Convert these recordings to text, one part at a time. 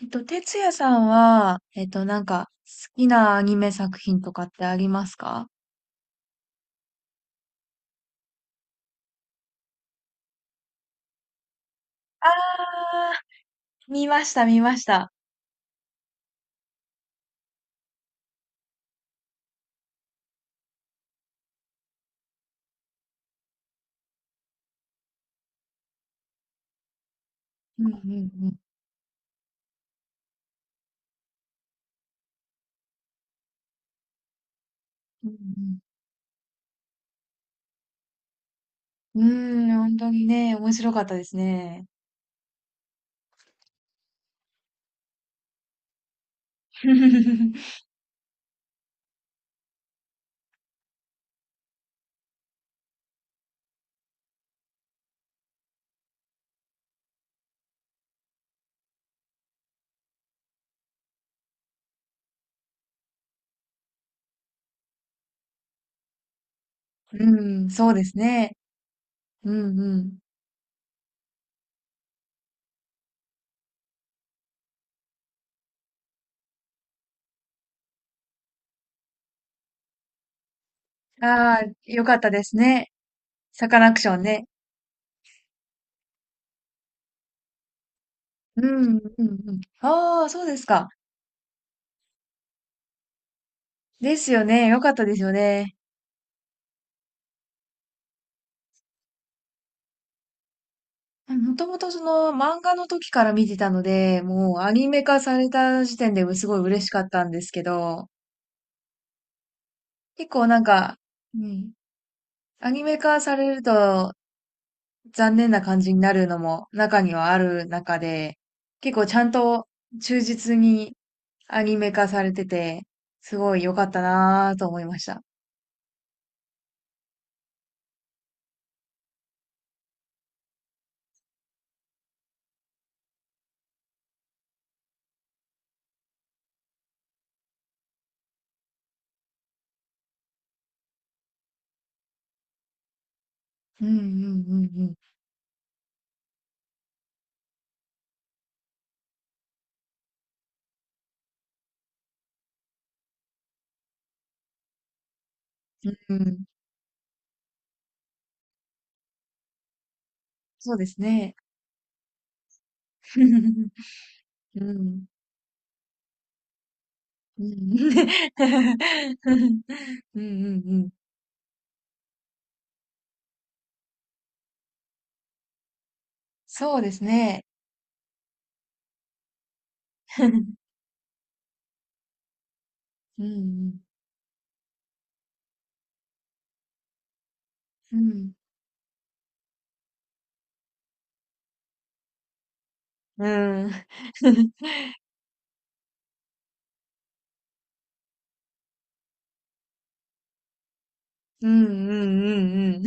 哲也さんは、なんか、好きなアニメ作品とかってありますか？あー、見ました、見ました。うんうんうん、うん、うーん本当にね、面白かったですね。うん。うん、そうですね。うんうん。あー、よかったですね。サカナクションね。うんうんうん。あー、そうですか。ですよね、よかったですよね。もともとその漫画の時から見てたので、もうアニメ化された時点ですごい嬉しかったんですけど、結構なんか、うん、アニメ化されると残念な感じになるのも中にはある中で、結構ちゃんと忠実にアニメ化されてて、すごい良かったなぁと思いました。うんうんうんうん。うん、そうですね。うん。うん。うんうんうんうん、そうですね。うんうん。うん。うん。うんうんうん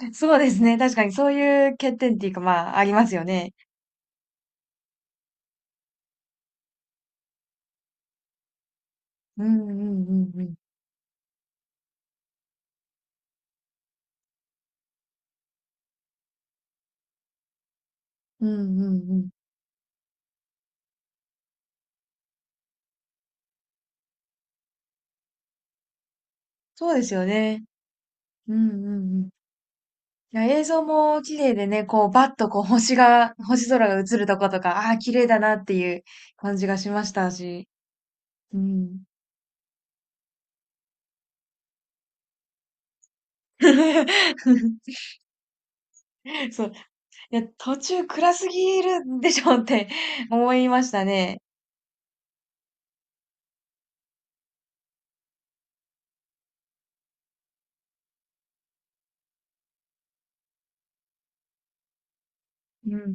うん。そうですね。確かにそういう欠点っていうか、まあ、ありますよね。うんうんうんうん。うんうんうん。そうですよね。うんうんうん。いや、映像も綺麗でね、こう、バッとこう、星空が映るとことか、ああ、綺麗だなっていう感じがしましたし。うん。そう。いや、途中暗すぎるでしょって思いましたね。うん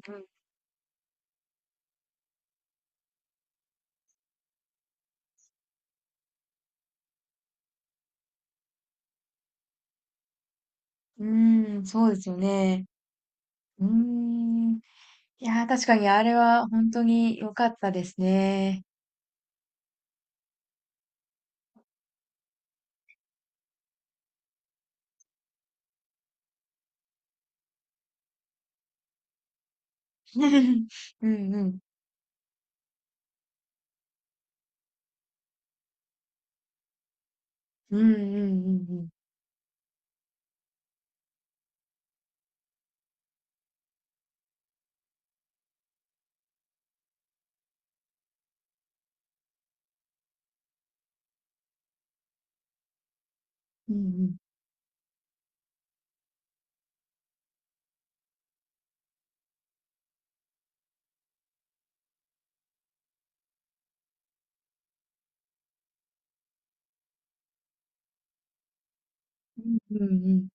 うん、うーん、そうですよね。うーん。いやー、確かにあれは本当に良かったですね。うんうん。うんうんうんうん。うんうん。うんうん。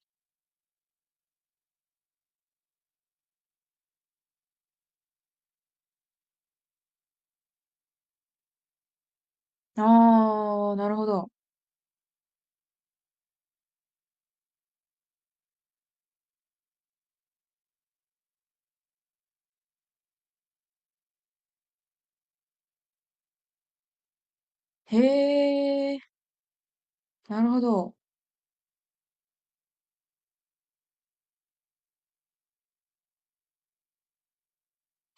ああー、なるほど。へえ、なるほど。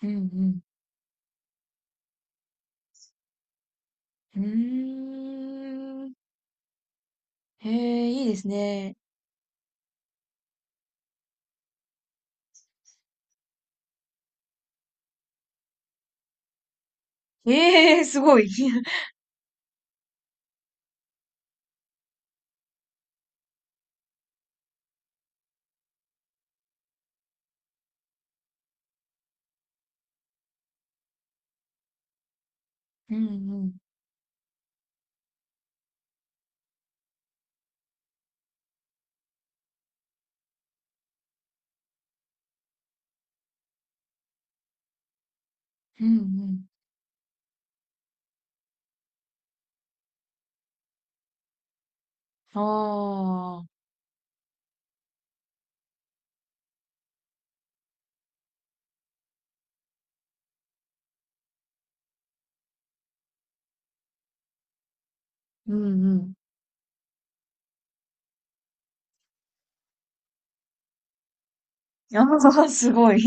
うんうん。うーん。へえ、いいですね。ええ、すごい。うんうん。うんうん。ああ、うんうん。ああ、すごい。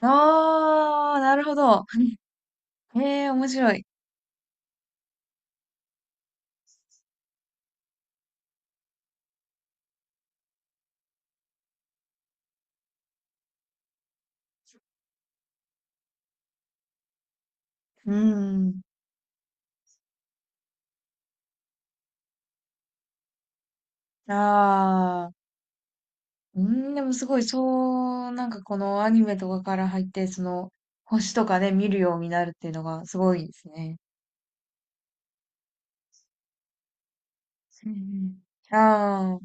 ああ、なるほど。へえ、面白い。うーん。ああ。うーん、でもすごい、そう、なんかこのアニメとかから入って、その、星とかね、見るようになるっていうのがすごいですね。うんうん。ああ。う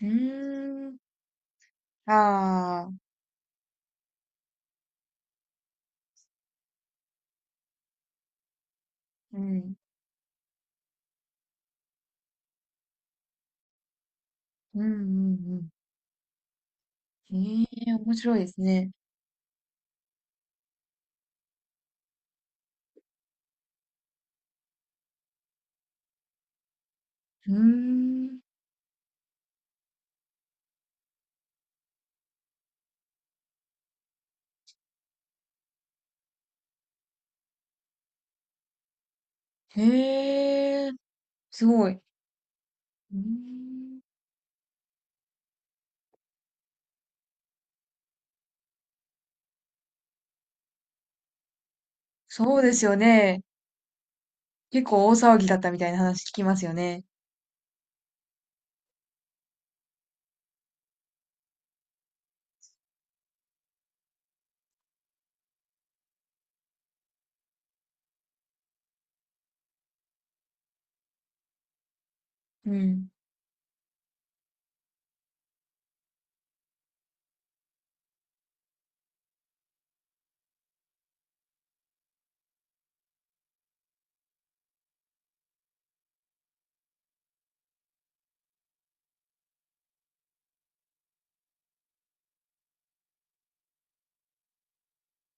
ーん。ああ。うん。うんうんうん。へえ、面白いですね。うーん。へえ、すごい。うーん。そうですよね。結構大騒ぎだったみたいな話聞きますよね。うん。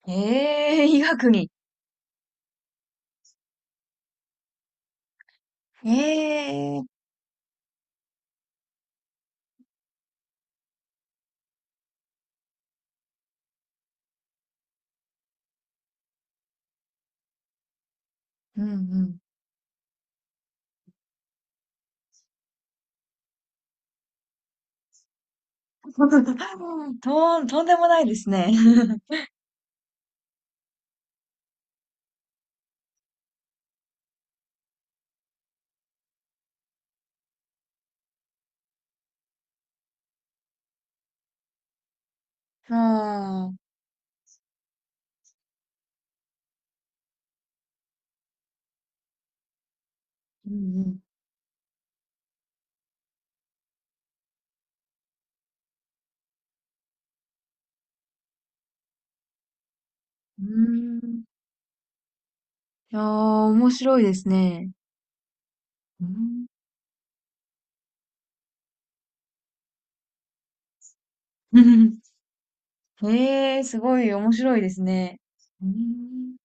ええ、医学に。ええ、うんうん。とんでもないですね。ああ、うんうん。うーん。いやー、面白いですね。うん。ええ、すごい面白いですね。うん